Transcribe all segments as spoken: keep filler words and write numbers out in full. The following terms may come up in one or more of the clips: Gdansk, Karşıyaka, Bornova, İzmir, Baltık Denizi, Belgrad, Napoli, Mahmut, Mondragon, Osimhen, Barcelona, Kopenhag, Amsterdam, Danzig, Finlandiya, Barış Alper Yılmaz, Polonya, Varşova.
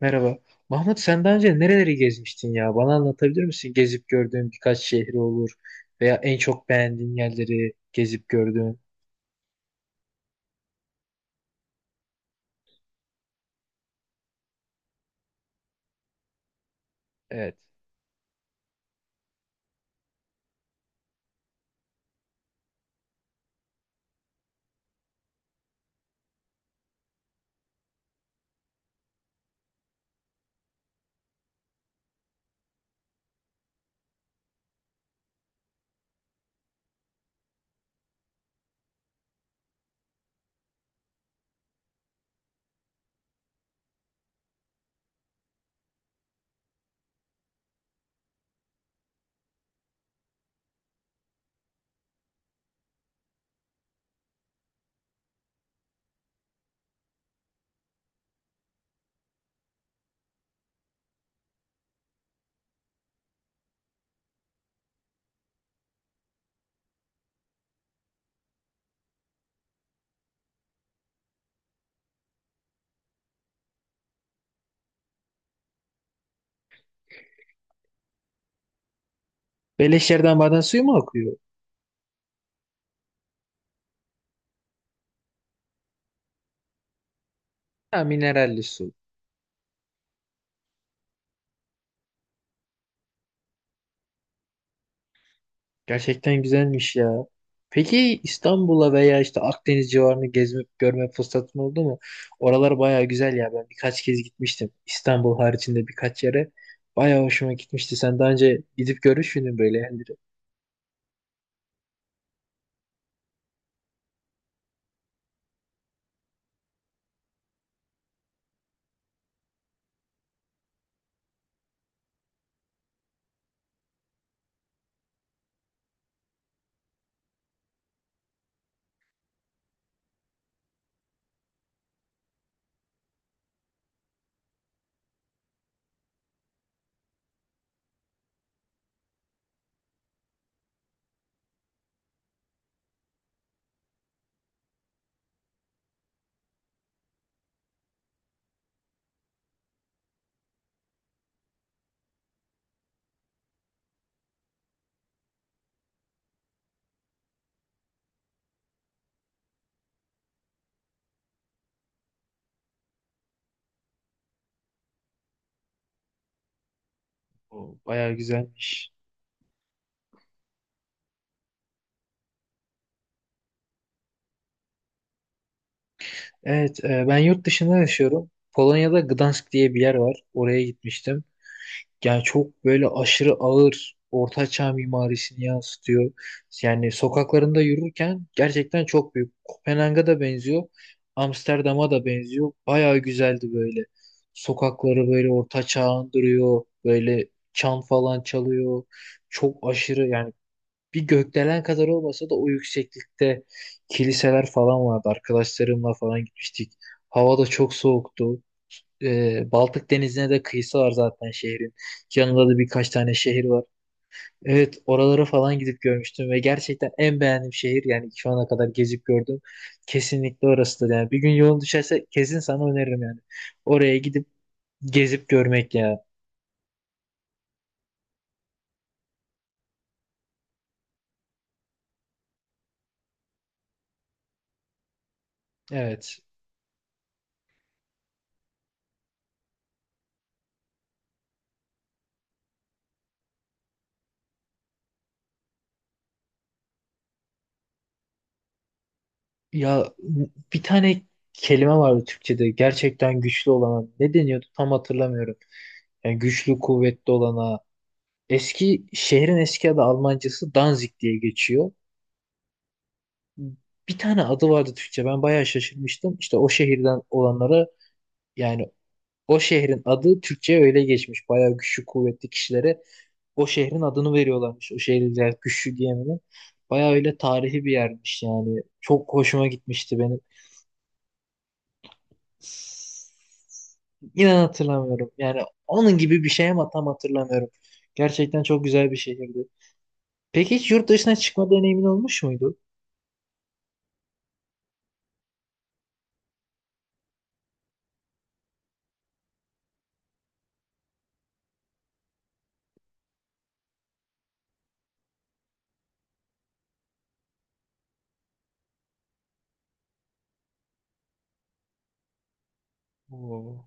Merhaba. Mahmut sen daha önce nereleri gezmiştin ya? Bana anlatabilir misin? Gezip gördüğün birkaç şehri olur veya en çok beğendiğin yerleri gezip gördüğün. Evet. Beleş yerden maden suyu mu akıyor? Ha, mineralli su. Gerçekten güzelmiş ya. Peki İstanbul'a veya işte Akdeniz civarını gezme, görme fırsatın oldu mu? Oralar baya güzel ya. Ben birkaç kez gitmiştim. İstanbul haricinde birkaç yere. Baya hoşuma gitmişti. Sen daha önce gidip görmüş müydün böyle yerleri? O baya güzelmiş. Evet, e, ben yurt dışında yaşıyorum. Polonya'da Gdansk diye bir yer var. Oraya gitmiştim. Yani çok böyle aşırı ağır ortaçağ mimarisini yansıtıyor. Yani sokaklarında yürürken gerçekten çok büyük. Kopenhag'a da benziyor. Amsterdam'a da benziyor. Bayağı güzeldi böyle. Sokakları böyle ortaçağ andırıyor. Böyle çan falan çalıyor. Çok aşırı yani bir gökdelen kadar olmasa da o yükseklikte kiliseler falan vardı. Arkadaşlarımla falan gitmiştik. Hava da çok soğuktu. Ee, Baltık Denizi'ne de kıyısı var zaten şehrin. Yanında da birkaç tane şehir var. Evet, oralara falan gidip görmüştüm ve gerçekten en beğendiğim şehir yani şu ana kadar gezip gördüm. Kesinlikle orasıdır yani. Bir gün yolun düşerse kesin sana öneririm yani. Oraya gidip gezip görmek ya. Evet. Ya bir tane kelime vardı Türkçe'de gerçekten güçlü olana ne deniyordu tam hatırlamıyorum. Yani güçlü kuvvetli olana eski şehrin eski adı Almancası Danzig diye geçiyor. Bir tane adı vardı Türkçe ben bayağı şaşırmıştım. İşte o şehirden olanlara yani o şehrin adı Türkçe'ye öyle geçmiş. Bayağı güçlü kuvvetli kişilere o şehrin adını veriyorlarmış. O şehirler güçlü diye mi ne? Bayağı öyle tarihi bir yermiş yani. Çok hoşuma gitmişti benim. İnan hatırlamıyorum. Yani onun gibi bir şey ama tam hatırlamıyorum. Gerçekten çok güzel bir şehirdi. Peki hiç yurt dışına çıkma deneyimin olmuş muydu? Oo,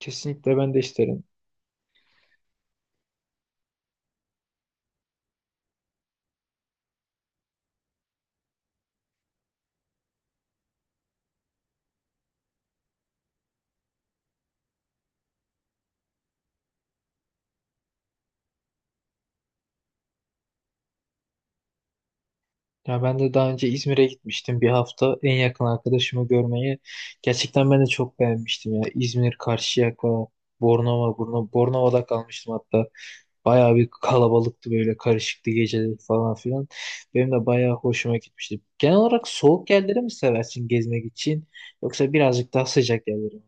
kesinlikle ben de isterim. Ya ben de daha önce İzmir'e gitmiştim bir hafta en yakın arkadaşımı görmeye. Gerçekten ben de çok beğenmiştim ya. İzmir, Karşıyaka, Bornova, Borno- Bornova'da kalmıştım hatta. Bayağı bir kalabalıktı böyle karışıktı geceleri falan filan. Benim de bayağı hoşuma gitmişti. Genel olarak soğuk yerleri mi seversin gezmek için yoksa birazcık daha sıcak yerleri mi?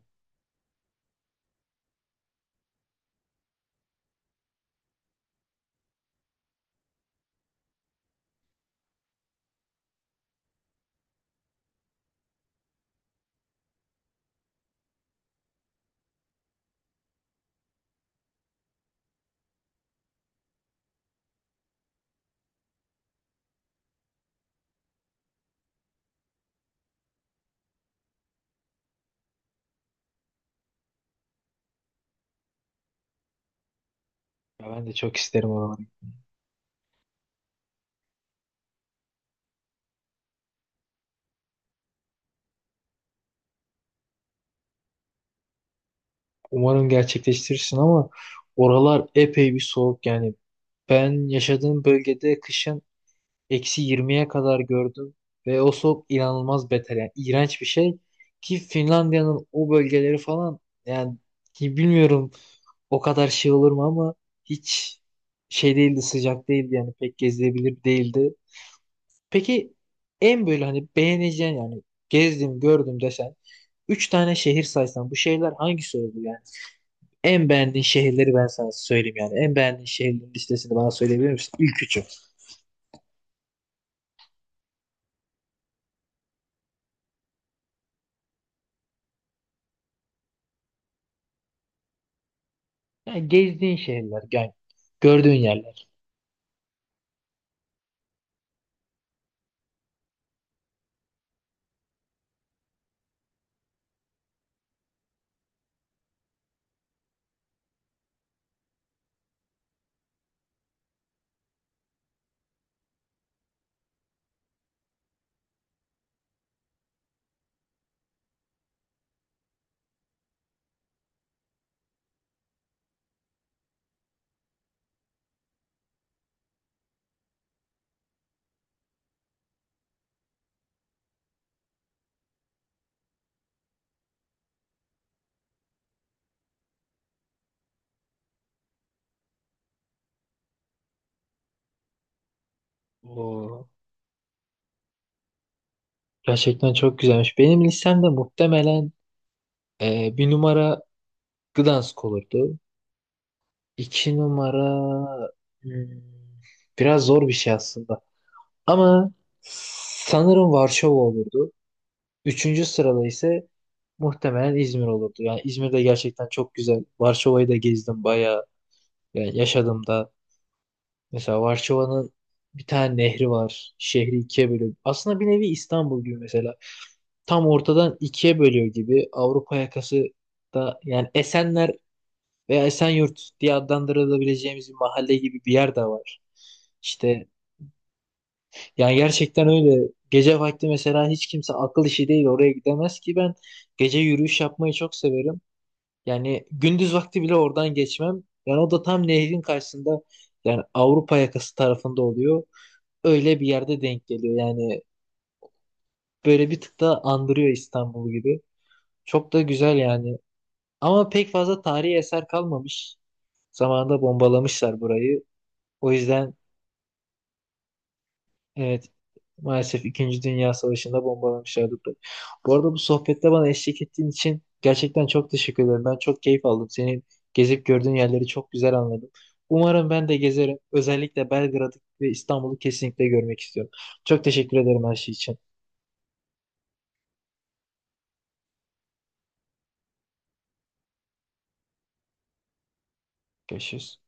Ya ben de çok isterim oraları. Umarım gerçekleştirirsin ama oralar epey bir soğuk yani. Ben yaşadığım bölgede kışın eksi yirmiye kadar gördüm ve o soğuk inanılmaz beter yani iğrenç bir şey ki Finlandiya'nın o bölgeleri falan yani ki bilmiyorum o kadar şey olur mu ama hiç şey değildi, sıcak değildi yani pek gezilebilir değildi. Peki en böyle hani beğeneceğin yani gezdim gördüm desen üç tane şehir saysan bu şehirler hangisi oldu yani? En beğendiğin şehirleri ben sana söyleyeyim yani. En beğendiğin şehirlerin listesini bana söyleyebilir misin? İlk üçü. Yani gezdiğin şehirler yani gördüğün yerler. Oo, gerçekten çok güzelmiş. Benim listemde muhtemelen e, bir numara Gdansk olurdu. İki numara hmm, biraz zor bir şey aslında. Ama sanırım Varşova olurdu. Üçüncü sırada ise muhtemelen İzmir olurdu. Yani İzmir'de gerçekten çok güzel. Varşova'yı da gezdim bayağı. Yani yaşadım da. Mesela Varşova'nın bir tane nehri var. Şehri ikiye bölüyor. Aslında bir nevi İstanbul gibi mesela. Tam ortadan ikiye bölüyor gibi. Avrupa yakası da yani Esenler veya Esenyurt diye adlandırılabileceğimiz bir mahalle gibi bir yer de var. İşte yani gerçekten öyle. Gece vakti mesela hiç kimse akıl işi değil oraya gidemez ki ben gece yürüyüş yapmayı çok severim. Yani gündüz vakti bile oradan geçmem. Yani o da tam nehrin karşısında yani Avrupa yakası tarafında oluyor. Öyle bir yerde denk geliyor. Yani böyle bir tık da andırıyor İstanbul gibi. Çok da güzel yani. Ama pek fazla tarihi eser kalmamış. Zamanında bombalamışlar burayı. O yüzden. Evet. Maalesef İkinci Dünya Savaşı'nda bombalamışlardı. Bu arada bu sohbette bana eşlik ettiğin için gerçekten çok teşekkür ederim. Ben çok keyif aldım. Senin gezip gördüğün yerleri çok güzel anladım. Umarım ben de gezerim. Özellikle Belgrad'ı ve İstanbul'u kesinlikle görmek istiyorum. Çok teşekkür ederim her şey için. Görüşürüz.